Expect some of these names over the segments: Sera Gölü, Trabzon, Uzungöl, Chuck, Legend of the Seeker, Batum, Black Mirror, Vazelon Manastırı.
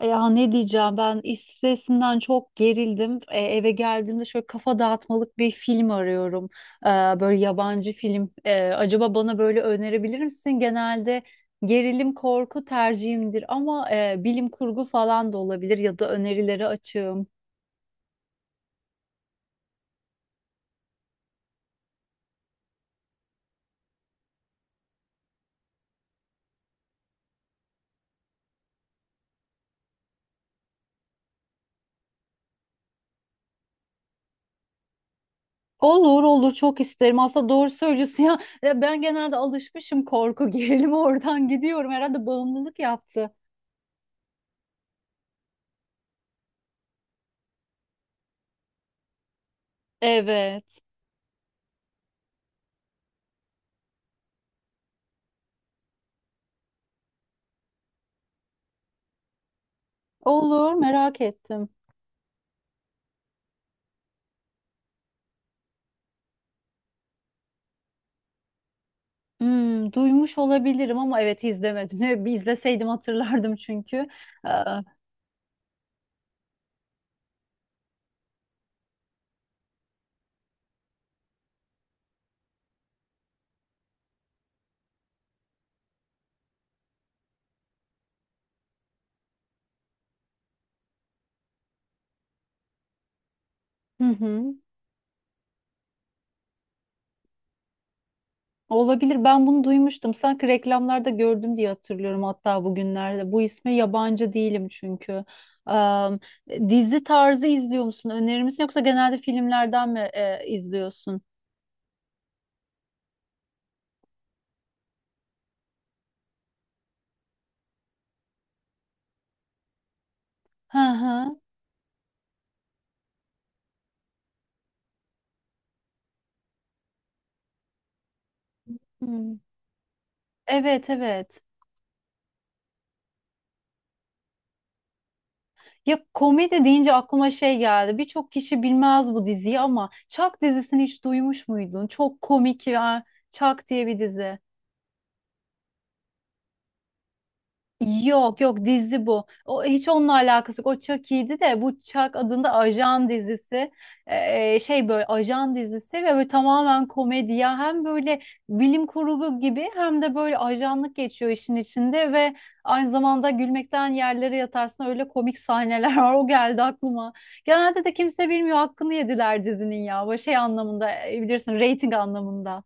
Ya ne diyeceğim ben iş stresinden çok gerildim. Eve geldiğimde şöyle kafa dağıtmalık bir film arıyorum. E, Böyle yabancı film. Acaba bana böyle önerebilir misin? Genelde gerilim korku tercihimdir ama bilim kurgu falan da olabilir ya da önerileri açığım. Olur olur, çok isterim. Aslında doğru söylüyorsun ya. Ya ben genelde alışmışım korku gerilime, oradan gidiyorum. Herhalde bağımlılık yaptı. Evet. Olur, merak ettim. Hmm, duymuş olabilirim ama evet, izlemedim. Bir izleseydim hatırlardım çünkü. Ee, hı hı. Olabilir. Ben bunu duymuştum. Sanki reklamlarda gördüm diye hatırlıyorum hatta bugünlerde. Bu isme yabancı değilim çünkü. Ee, Dizi tarzı izliyor musun? Önerir misin? Yoksa genelde filmlerden mi izliyorsun? Hı hı. Hmm. Evet, evet. Ya komedi deyince aklıma şey geldi. Birçok kişi bilmez bu diziyi ama Chuck dizisini hiç duymuş muydun? Çok komik ya. Chuck diye bir dizi. Yok yok, dizi bu. O hiç, onunla alakası yok. O Chucky'ydi, de bu Chuck adında ajan dizisi. Şey böyle ajan dizisi ve böyle tamamen komedi ya. Hem böyle bilim kurgu gibi hem de böyle ajanlık geçiyor işin içinde ve aynı zamanda gülmekten yerlere yatarsın, öyle komik sahneler var. O geldi aklıma. Genelde de kimse bilmiyor, hakkını yediler dizinin ya. Böyle şey anlamında, bilirsin, reyting anlamında.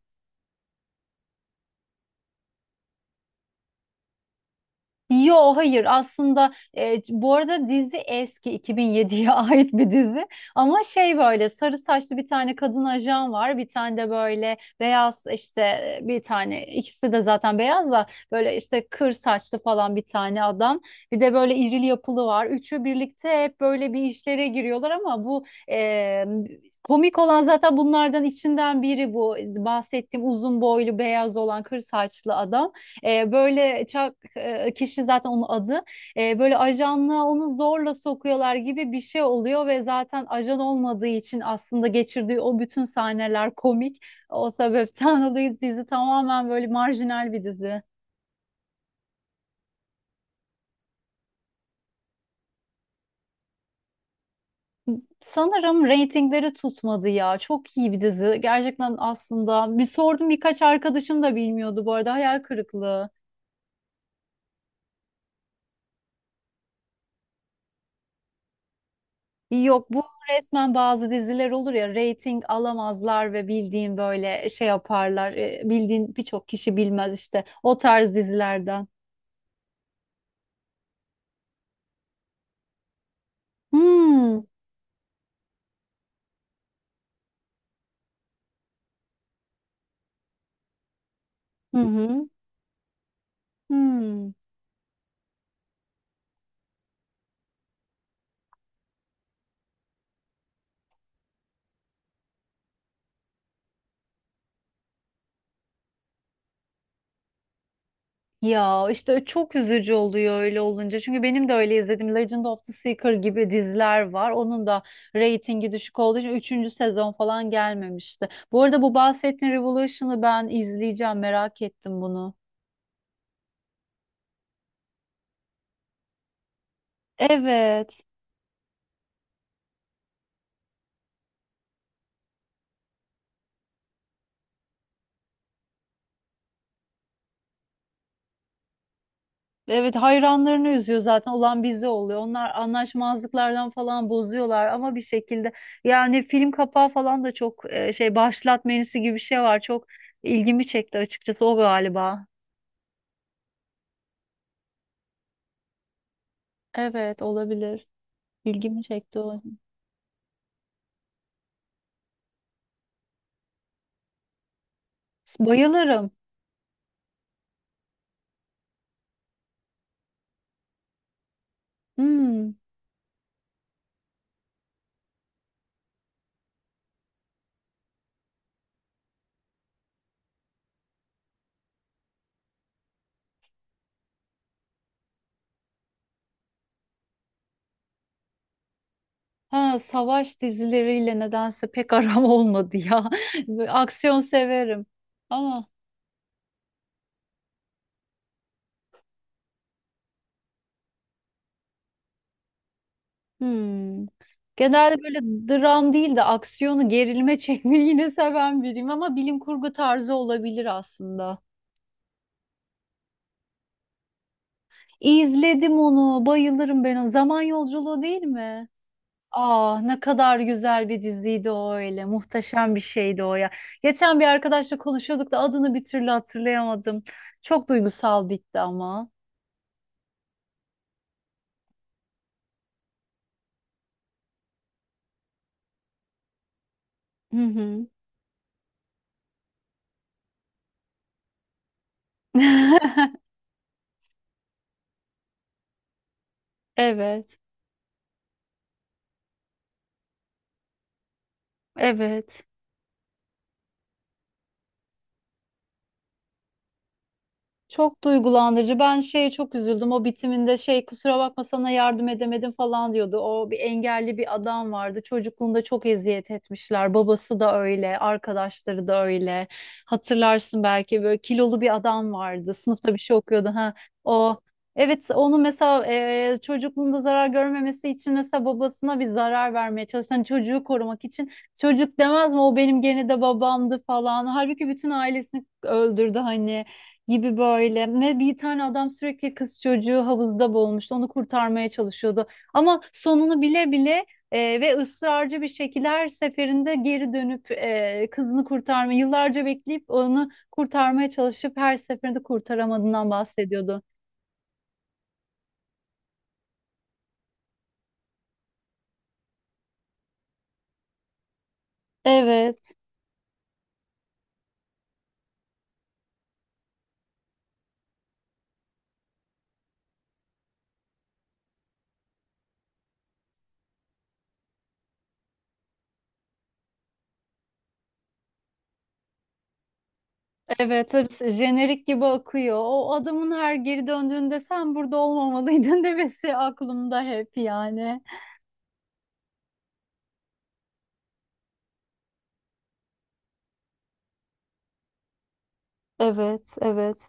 Yo hayır, aslında bu arada dizi eski, 2007'ye ait bir dizi ama şey böyle sarı saçlı bir tane kadın ajan var, bir tane de böyle beyaz işte, bir tane, ikisi de zaten beyaz da, böyle işte kır saçlı falan bir tane adam, bir de böyle irili yapılı var, üçü birlikte hep böyle bir işlere giriyorlar ama bu e, komik olan zaten bunlardan içinden biri, bu bahsettiğim uzun boylu beyaz olan kır saçlı adam. Böyle kişi zaten onun adı. Böyle ajanlığa onu zorla sokuyorlar gibi bir şey oluyor ve zaten ajan olmadığı için aslında geçirdiği o bütün sahneler komik. O sebepten dolayı dizi tamamen böyle marjinal bir dizi. Sanırım reytingleri tutmadı ya. Çok iyi bir dizi. Gerçekten aslında bir sordum, birkaç arkadaşım da bilmiyordu bu arada. Hayal kırıklığı. Yok bu resmen, bazı diziler olur ya reyting alamazlar ve bildiğin böyle şey yaparlar. Bildiğin birçok kişi bilmez işte o tarz dizilerden. Hmm. Hı hı. Hmm. Ya işte çok üzücü oluyor öyle olunca. Çünkü benim de öyle izlediğim Legend of the Seeker gibi diziler var. Onun da reytingi düşük olduğu için üçüncü sezon falan gelmemişti. Bu arada bu bahsettiğin Revolution'ı ben izleyeceğim. Merak ettim bunu. Evet. Evet, hayranlarını üzüyor, zaten olan bize oluyor. Onlar anlaşmazlıklardan falan bozuyorlar ama bir şekilde, yani film kapağı falan da çok şey, başlat menüsü gibi bir şey var. Çok ilgimi çekti açıkçası o galiba. Evet, olabilir. İlgimi çekti o. Bayılırım. Hmm. Ha, savaş dizileriyle nedense pek aram olmadı ya. Böyle aksiyon severim. Ama hmm. Genelde böyle dram değil de aksiyonu, gerilme çekmeyi yine seven biriyim ama bilim kurgu tarzı olabilir aslında. İzledim onu, bayılırım ben o. Zaman Yolculuğu değil mi? Ah, ne kadar güzel bir diziydi o öyle. Muhteşem bir şeydi o ya. Geçen bir arkadaşla konuşuyorduk da adını bir türlü hatırlayamadım. Çok duygusal bitti ama. Hı hı. Evet, evet. Çok duygulandırıcı. Ben şeye çok üzüldüm. O bitiminde şey, kusura bakma sana yardım edemedim falan diyordu. O bir engelli bir adam vardı. Çocukluğunda çok eziyet etmişler. Babası da öyle, arkadaşları da öyle. Hatırlarsın belki, böyle kilolu bir adam vardı. Sınıfta bir şey okuyordu. Ha, o evet, onu mesela çocukluğunda zarar görmemesi için, mesela babasına bir zarar vermeye çalışan çocuğu korumak için çocuk demez mi o benim gene de babamdı falan. Halbuki bütün ailesini öldürdü, hani gibi böyle. Ne bir tane adam sürekli kız çocuğu havuzda boğulmuştu. Onu kurtarmaya çalışıyordu. Ama sonunu bile bile ve ısrarcı bir şekilde her seferinde geri dönüp kızını kurtarma, yıllarca bekleyip onu kurtarmaya çalışıp her seferinde kurtaramadığından bahsediyordu. Evet, evet, hepsi jenerik gibi akıyor. O adamın her geri döndüğünde sen burada olmamalıydın demesi aklımda hep yani. Evet, evet.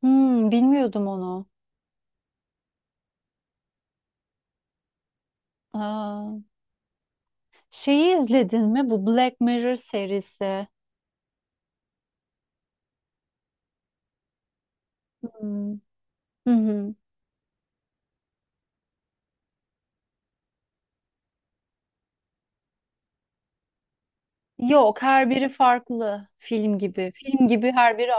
Hmm, bilmiyordum onu. Aa. Şeyi izledin mi? Bu Black Mirror serisi. Hmm. Hı hı. Yok, her biri farklı film gibi. Film gibi her biri.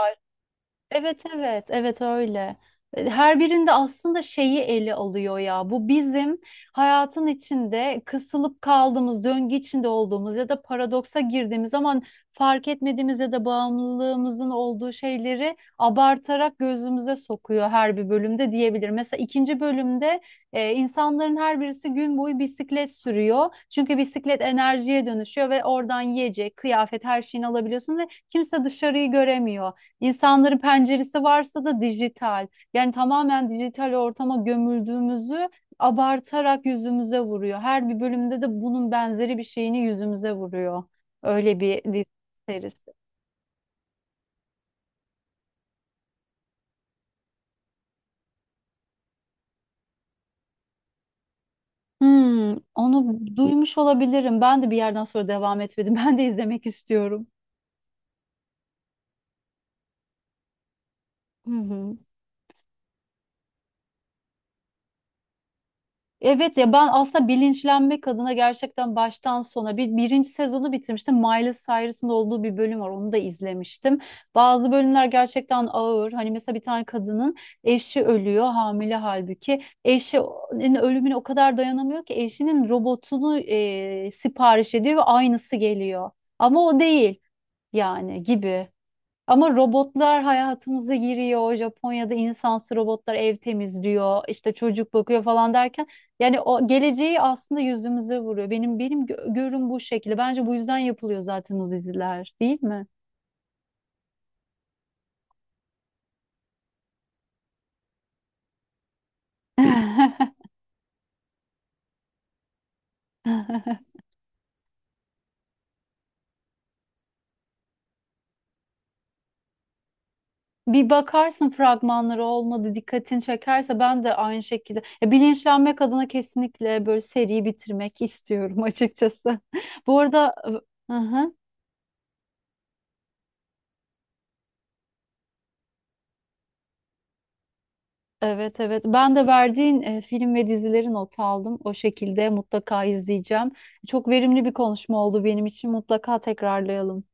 Evet evet evet, öyle. Her birinde aslında şeyi ele alıyor ya. Bu bizim hayatın içinde kısılıp kaldığımız, döngü içinde olduğumuz ya da paradoksa girdiğimiz zaman fark etmediğimiz ya da bağımlılığımızın olduğu şeyleri abartarak gözümüze sokuyor her bir bölümde diyebilir. Mesela ikinci bölümde insanların her birisi gün boyu bisiklet sürüyor. Çünkü bisiklet enerjiye dönüşüyor ve oradan yiyecek, kıyafet her şeyini alabiliyorsun ve kimse dışarıyı göremiyor. İnsanların penceresi varsa da dijital. Yani tamamen dijital ortama gömüldüğümüzü abartarak yüzümüze vuruyor. Her bir bölümde de bunun benzeri bir şeyini yüzümüze vuruyor. Öyle bir dizi serisi. Hmm, onu duymuş olabilirim. Ben de bir yerden sonra devam etmedim. Ben de izlemek istiyorum. Hı hı. Evet ya, ben aslında bilinçlenmek adına gerçekten baştan sona bir birinci sezonu bitirmiştim. Miley Cyrus'ın olduğu bir bölüm var. Onu da izlemiştim. Bazı bölümler gerçekten ağır. Hani mesela bir tane kadının eşi ölüyor, hamile halbuki. Eşinin ölümüne o kadar dayanamıyor ki eşinin robotunu sipariş ediyor ve aynısı geliyor. Ama o değil yani, gibi. Ama robotlar hayatımıza giriyor. Japonya'da insansı robotlar ev temizliyor, işte çocuk bakıyor falan derken, yani o geleceği aslında yüzümüze vuruyor. Benim görüm bu şekilde. Bence bu yüzden yapılıyor zaten o diziler, değil mi? Bir bakarsın, fragmanları olmadı, dikkatini çekerse ben de aynı şekilde. Ya, bilinçlenmek adına kesinlikle böyle seriyi bitirmek istiyorum açıkçası. Bu arada evet evet. Ben de verdiğin film ve dizileri not aldım. O şekilde mutlaka izleyeceğim. Çok verimli bir konuşma oldu benim için. Mutlaka tekrarlayalım.